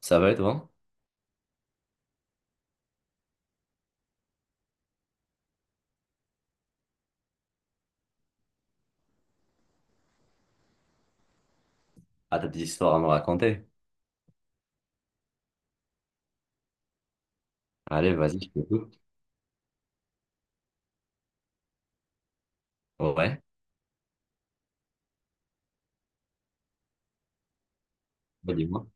Ça va et toi? Ah, t'as des histoires à me raconter? Allez, vas-y, je t'écoute. Ouais, bah, dis-moi.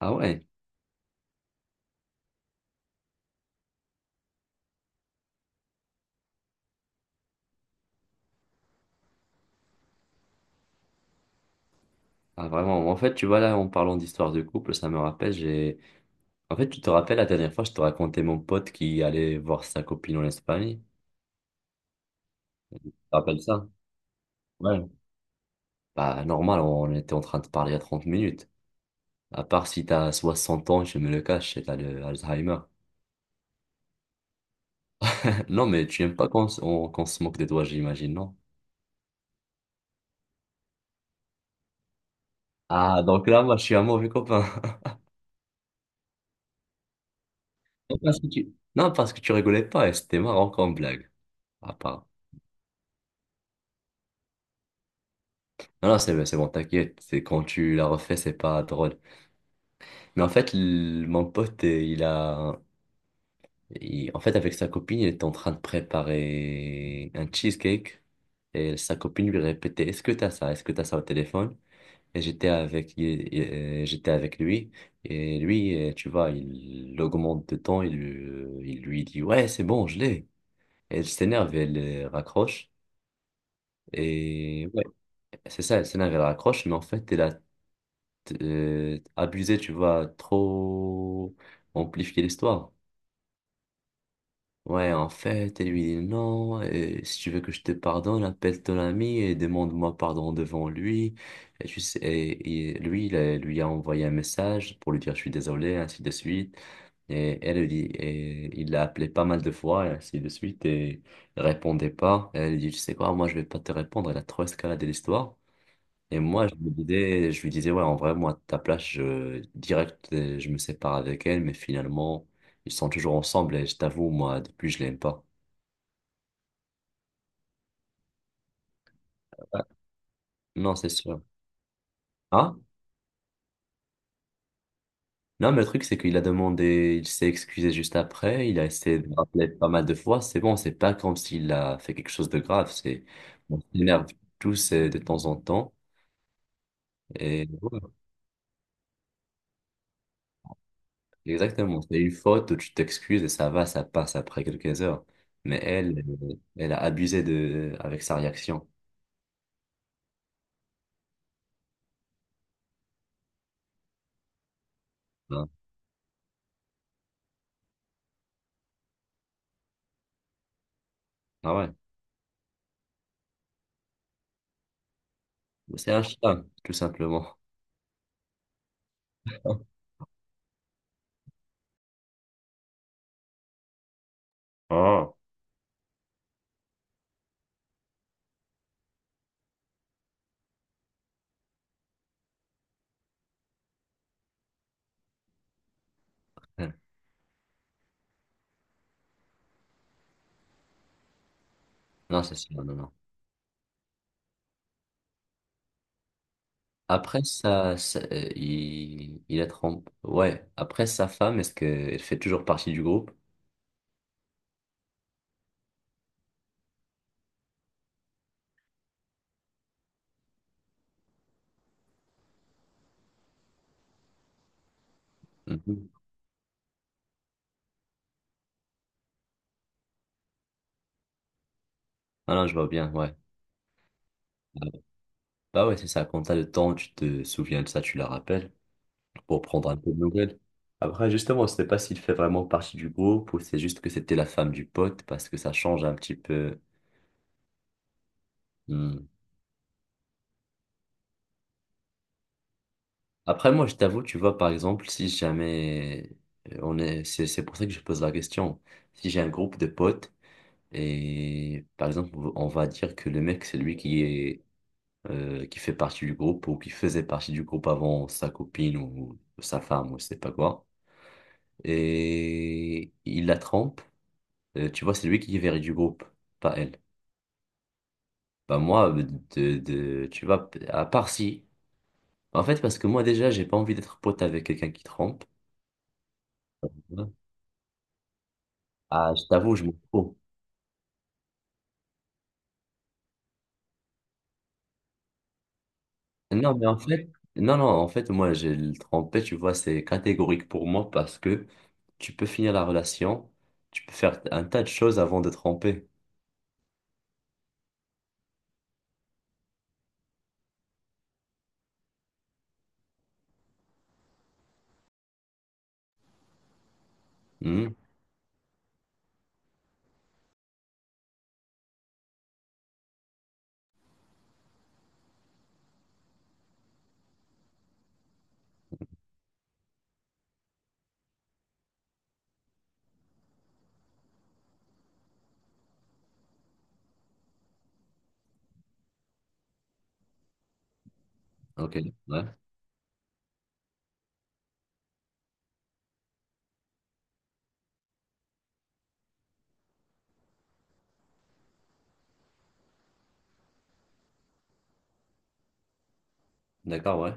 Ah ouais, ah, vraiment. En fait, tu vois, là, en parlant d'histoires de couple, ça me rappelle, j'ai... En fait, tu te rappelles, la dernière fois, je te racontais mon pote qui allait voir sa copine en Espagne. Tu te rappelles ça? Ouais. Bah, normal, on était en train de parler il y a 30 minutes. À part si t'as 60 ans, je me le cache, et t'as le Alzheimer. Non, mais tu aimes pas qu'on qu'on se moque de toi, j'imagine, non? Ah, donc là, moi, je suis un mauvais copain. Non, parce que tu rigolais pas et c'était marrant comme blague. À part. Non, non, c'est bon, t'inquiète. C'est quand tu la refais, c'est pas drôle. Mais en fait, mon pote, il a. En fait, avec sa copine, il était en train de préparer un cheesecake. Et sa copine lui répétait, est-ce que t'as ça? Est-ce que t'as ça au téléphone? Et j'étais avec, j'étais avec lui. Et lui, tu vois, il augmente de temps. Il, il lui dit, ouais, c'est bon, je l'ai. Et elle s'énerve, elle raccroche. Et c'est ça, elle s'énerve, elle raccroche, mais en fait, elle a abusé, tu vois, trop amplifié l'histoire. Ouais, en fait, elle lui dit non, et si tu veux que je te pardonne, appelle ton ami et demande-moi pardon devant lui. Et, tu sais, et lui, lui a envoyé un message pour lui dire je suis désolé, ainsi de suite. Et elle lui dit, et il l'a appelé pas mal de fois, et ainsi de suite, et il répondait pas. Elle lui dit, tu sais quoi, moi je vais pas te répondre, elle a trop escaladé l'histoire. Et moi, je me disais, je lui disais, ouais, en vrai, moi, à ta place, je, direct, je me sépare avec elle, mais finalement, ils sont toujours ensemble et je t'avoue, moi, depuis, je l'aime pas. Non, c'est sûr. Ah? Non, mais le truc, c'est qu'il a demandé, il s'est excusé juste après, il a essayé de me rappeler pas mal de fois. C'est bon, c'est pas comme s'il a fait quelque chose de grave, c'est, on s'énerve tous de temps en temps. Et ouais, exactement, c'est une faute où tu t'excuses et ça va, ça passe après quelques heures. Mais elle, elle a abusé de, avec sa réaction, hein. Ah ouais, c'est un chien, tout simplement. Oh. Non, c'est sûr, non, non. Après ça, il a trompé. Ouais, après sa femme, est-ce qu'elle fait toujours partie du groupe? Mhm. Ah non, je vois bien, ouais. Bah ouais, c'est ça, quand t'as le temps, tu te souviens de ça, tu la rappelles pour prendre un peu de nouvelles. Après, justement, on ne sait pas s'il fait vraiment partie du groupe ou c'est juste que c'était la femme du pote parce que ça change un petit peu. Hmm. Après, moi, je t'avoue, tu vois, par exemple, si jamais on est, c'est pour ça que je pose la question. Si j'ai un groupe de potes et, par exemple, on va dire que le mec, c'est lui qui est, qui fait partie du groupe ou qui faisait partie du groupe avant sa copine ou sa femme ou je sais pas quoi. Et il la trompe, tu vois, c'est lui qui est viré du groupe, pas elle. Bah moi, tu vois, à part si. En fait, parce que moi déjà, j'ai pas envie d'être pote avec quelqu'un qui trompe. Ah, je t'avoue, je m'en fous. Non, mais en fait, non, non, en fait, moi, j'ai le trompé, tu vois, c'est catégorique pour moi parce que tu peux finir la relation, tu peux faire un tas de choses avant de tromper. Hmm. Ok, ouais, d'accord, ouais.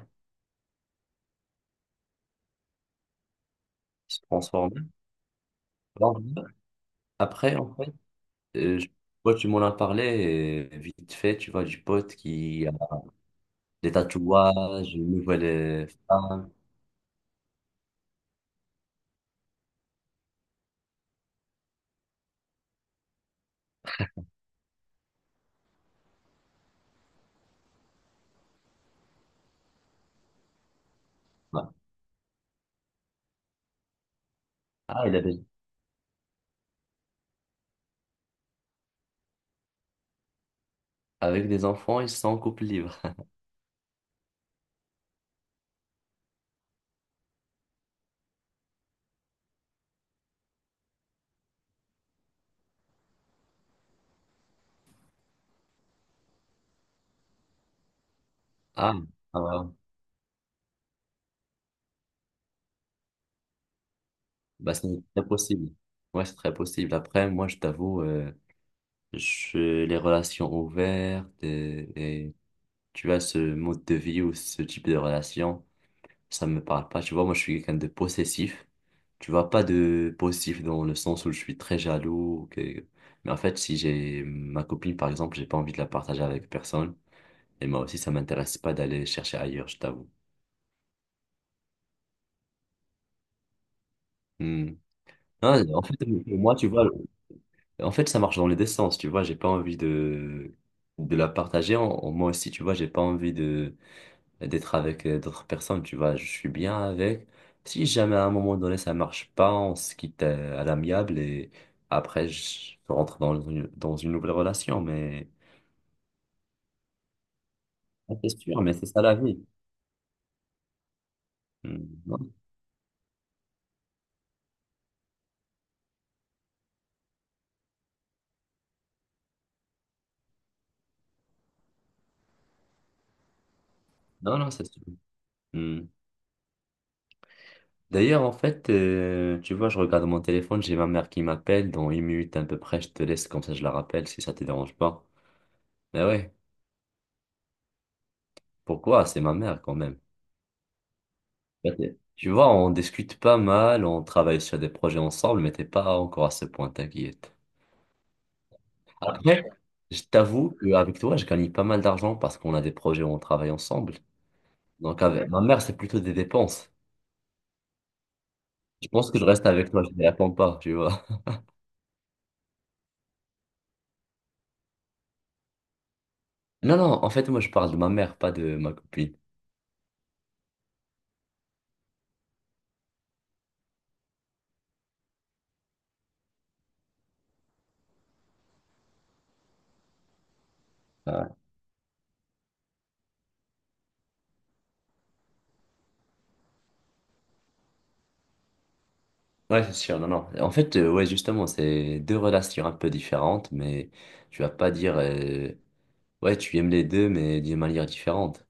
Se transformer. Bon, après, en fait, euh, je- toi, tu m'en as parlé vite fait, tu vois, du pote qui des tatouages, une nouvelle femme. Ouais. Ah, il a des... Avec des enfants, ils sont en couple libre. Ah, ah ouais. Bah, c'est très possible. Ouais, c'est très possible. Après, moi, je t'avoue, je... les relations ouvertes et tu vois, ce mode de vie ou ce type de relation, ça me parle pas. Tu vois, moi, je suis quelqu'un de possessif. Tu vois, pas de possessif dans le sens où je suis très jaloux. Que- Mais en fait, si j'ai ma copine, par exemple, j'ai pas envie de la partager avec personne. Et moi aussi, ça m'intéresse pas d'aller chercher ailleurs, je t'avoue. Hmm. Non, en fait, pour moi, tu vois, en fait, ça marche dans les deux sens, tu vois, j'ai pas envie de la partager. Moi aussi, tu vois, j'ai pas envie de, d'être avec d'autres personnes, tu vois, je suis bien avec. Si jamais à un moment donné ça marche pas, on se quitte à l'amiable et après, je rentre dans une nouvelle relation, mais ah, c'est sûr, mais c'est ça la vie. Hmm. Non, non, non, c'est sûr. Hmm. D'ailleurs, en fait, tu vois, je regarde mon téléphone, j'ai ma mère qui m'appelle. Dans une minute à peu près, je te laisse, comme ça je la rappelle si ça te dérange pas. Mais ouais, pourquoi? C'est ma mère quand même. Bah, t'es- Tu vois, on discute pas mal, on travaille sur des projets ensemble, mais t'es pas encore à ce point, t'inquiète. Après, je t'avoue qu'avec toi, je gagne pas mal d'argent parce qu'on a des projets où on travaille ensemble. Donc, avec ma mère, c'est plutôt des dépenses. Je pense que je reste avec toi, je ne l'attends pas, tu vois. Non, non, en fait, moi, je parle de ma mère, pas de ma copine. Ouais, c'est sûr, non, non. En fait, ouais, justement, c'est deux relations un peu différentes, mais tu vas pas dire, ouais, tu aimes les deux, mais d'une manière différente.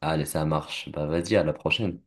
Allez, ça marche. Bah, vas-y, à la prochaine.